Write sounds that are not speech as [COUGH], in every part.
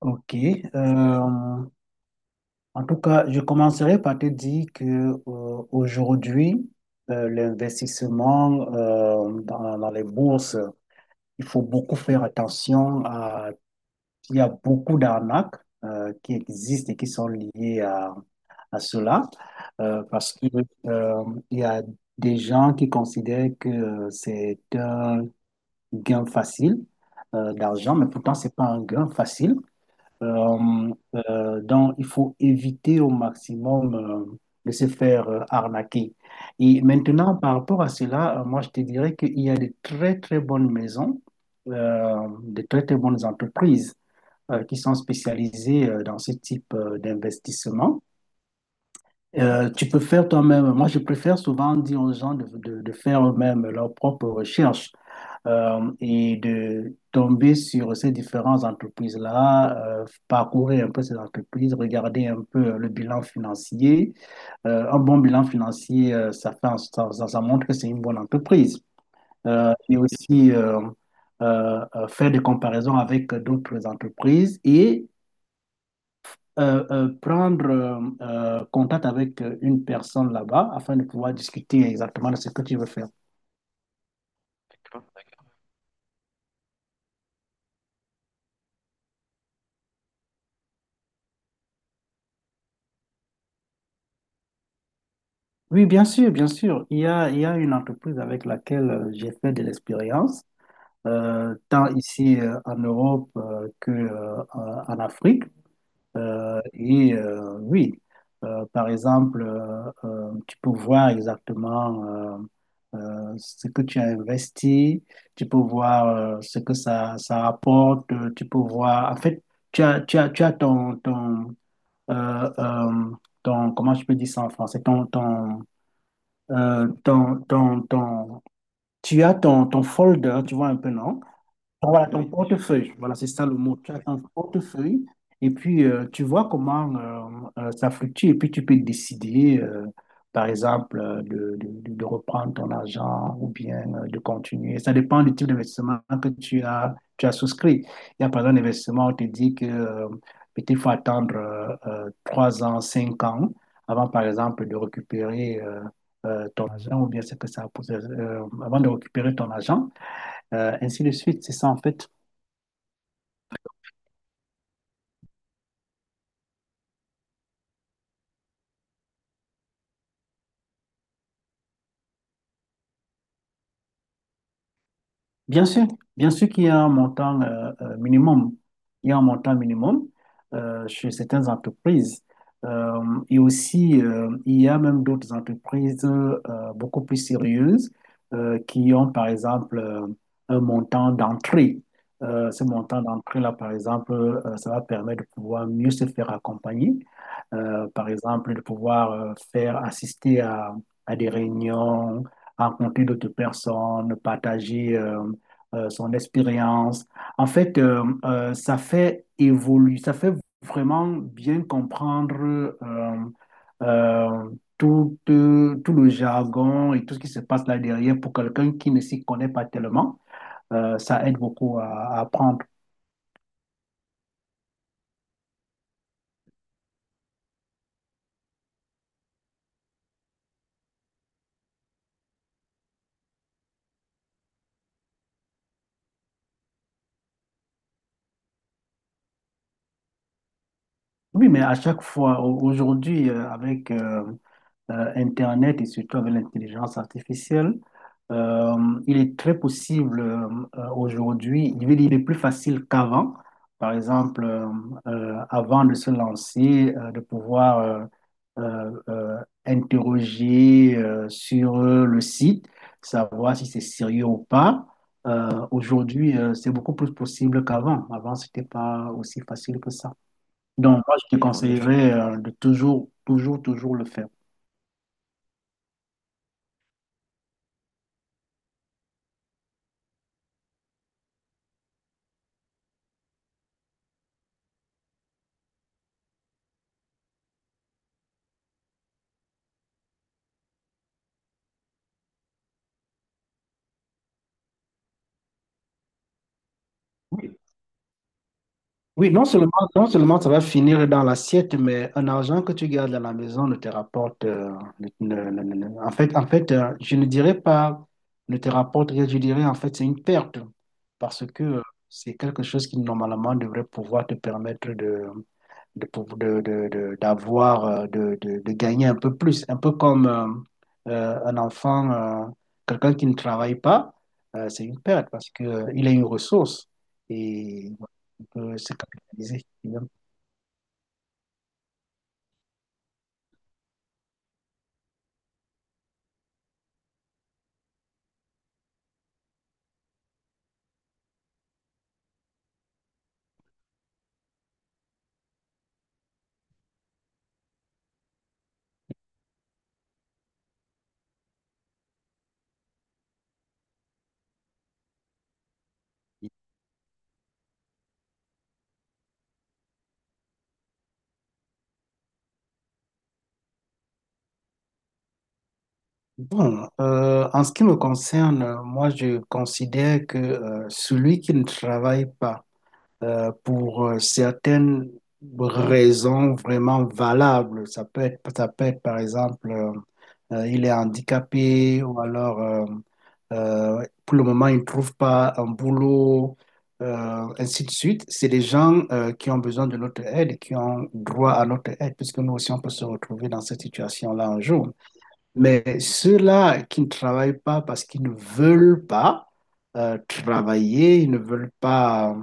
Ok. Euh, En tout cas, je commencerai par te dire que aujourd'hui, l'investissement dans les bourses, il faut beaucoup faire attention à il y a beaucoup d'arnaques qui existent et qui sont liées à cela, parce que euh, il y a des gens qui considèrent que c'est un gain facile d'argent, mais pourtant c'est pas un gain facile. Donc, il faut éviter au maximum de se faire arnaquer. Et maintenant, par rapport à cela, moi, je te dirais qu'il y a de très, très bonnes maisons, de très, très bonnes entreprises qui sont spécialisées dans ce type d'investissement. Tu peux faire toi-même. Moi, je préfère souvent dire aux gens de faire eux-mêmes leurs propres recherches et de tomber sur ces différentes entreprises-là, parcourir un peu ces entreprises, regarder un peu le bilan financier. Un bon bilan financier, ça fait, ça- ça montre que c'est une bonne entreprise. Et aussi faire des comparaisons avec d'autres entreprises et prendre contact avec une personne là-bas afin de pouvoir discuter exactement de ce que tu veux faire. Oui, bien sûr, bien sûr. Il y a une entreprise avec laquelle j'ai fait de l'expérience, tant ici en Europe que en Afrique. Oui, par exemple, tu peux voir exactement ce que tu as investi, tu peux voir ce que ça rapporte, tu peux voir, en fait, tu as euh, euh, comment je peux dire ça en français, euh, ton, ton, ton- tu as ton, ton folder, tu vois un peu, non? Voilà, ton Oui. portefeuille. Voilà, c'est ça le mot. Tu as ton portefeuille et puis tu vois comment ça fluctue et puis tu peux décider, par exemple, de reprendre ton argent ou bien de continuer. Ça dépend du type d'investissement que tu as souscrit. Il y a par exemple un investissement où on te dit que peut-être il faut attendre trois ans, cinq ans avant, par exemple, de récupérer ton argent ou bien c'est que a posé- avant de récupérer ton argent. Ainsi de suite, c'est ça en fait. Bien sûr, bien sûr qu'il y a un montant minimum. Il y a un montant minimum chez certaines entreprises. Euh, et aussi, il y a même d'autres entreprises beaucoup plus sérieuses qui ont, par exemple, un montant d'entrée. Ce montant d'entrée-là, par exemple, ça va permettre de pouvoir mieux se faire accompagner. Par exemple, de pouvoir faire assister à des réunions, rencontrer d'autres personnes, partager. Son expérience. En fait, ça fait évoluer, ça fait vraiment bien comprendre euh, euh, tout, tout le jargon et tout ce qui se passe là derrière pour quelqu'un qui ne s'y connaît pas tellement. Ça aide beaucoup à apprendre. Oui, mais à chaque fois, au- aujourd'hui, avec Internet et surtout avec l'intelligence artificielle, euh, il est très possible aujourd'hui, je veux dire, il est plus facile qu'avant. Par exemple, avant de se lancer, de pouvoir euh, euh, interroger sur le site, savoir si c'est sérieux ou pas. Aujourd'hui, c'est beaucoup plus possible qu'avant. Avant, c'était pas aussi facile que ça. Donc, moi, je te Oui, En effet. Conseillerais de toujours, toujours, toujours le faire. Oui. Oui, non seulement, non seulement ça va finir dans l'assiette, mais un argent que tu gardes à la maison ne te rapporte. En fait je ne dirais pas ne te rapporte rien, je dirais en fait c'est une perte parce que c'est quelque chose qui normalement devrait pouvoir te permettre de, d'avoir, de gagner un peu plus. Un peu comme un enfant, quelqu'un qui ne travaille pas, c'est une perte parce que, il est une ressource. Et se capitaliser. Bon, en ce qui me concerne, moi, je considère que celui qui ne travaille pas, pour certaines raisons vraiment valables. Ça peut être par exemple, il est handicapé ou alors pour le moment il ne trouve pas un boulot, ainsi de suite. C'est des gens qui ont besoin de notre aide et qui ont droit à notre aide puisque nous aussi on peut se retrouver dans cette situation-là un jour. Mais ceux-là qui ne travaillent pas parce qu'ils ne veulent pas travailler, ils ne veulent pas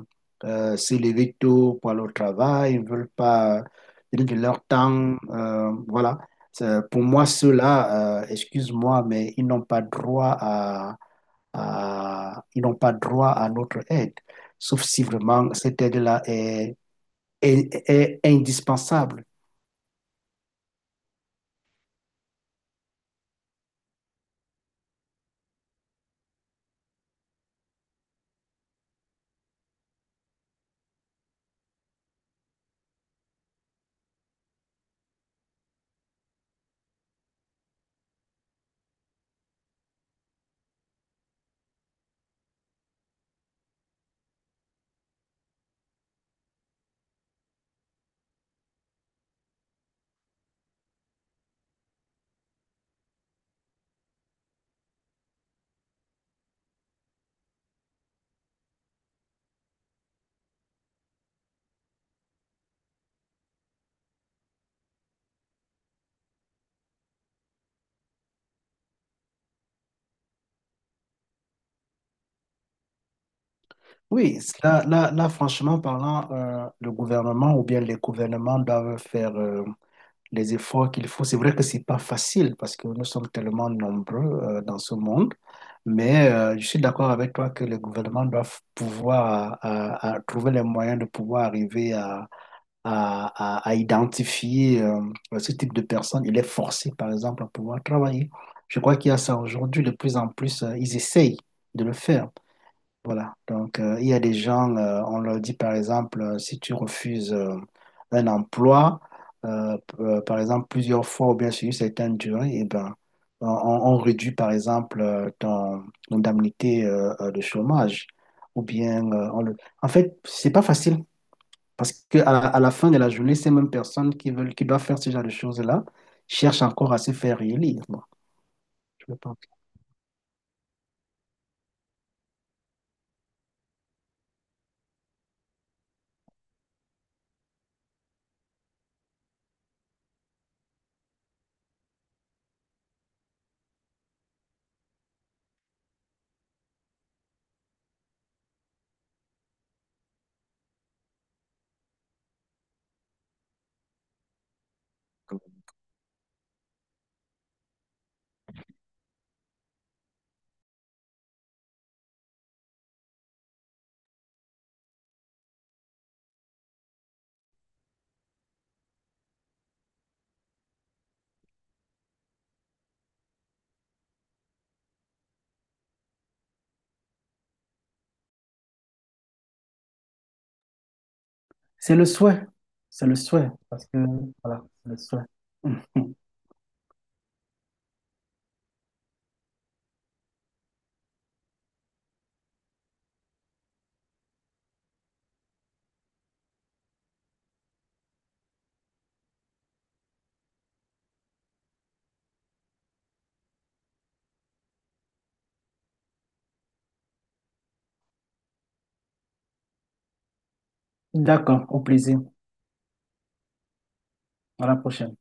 se lever tôt pour aller au travail, ils ne veulent pas donner de leur temps, voilà. C'est- Pour moi, ceux-là, excuse-moi, mais ils n'ont pas droit à- ils n'ont pas droit à notre aide, sauf si vraiment cette aide-là est, est indispensable. Oui, là, là, là, franchement parlant, le gouvernement ou bien les gouvernements doivent faire les efforts qu'il faut. C'est vrai que c'est pas facile parce que nous sommes tellement nombreux dans ce monde, mais je suis d'accord avec toi que les gouvernements doivent pouvoir à trouver les moyens de pouvoir arriver à, à identifier ce type de personnes. Il est forcé, par exemple, à pouvoir travailler. Je crois qu'il y a ça aujourd'hui. De plus en plus, ils essayent de le faire. Voilà. Donc, il y a des gens, on leur dit par exemple, si tu refuses un emploi, par exemple plusieurs fois ou bien sur une certaine durée, eh ben, on réduit par exemple ton indemnité de chômage. Ou bien, on le... En fait, c'est pas facile parce que à la fin de la journée, ces mêmes personnes qui doivent faire ce genre de choses-là cherchent encore à se faire réélire. Moi, je pense que- C'est le souhait. C'est le souhait. Parce que, voilà, c'est le souhait. [LAUGHS] D'accord, au plaisir. À la prochaine.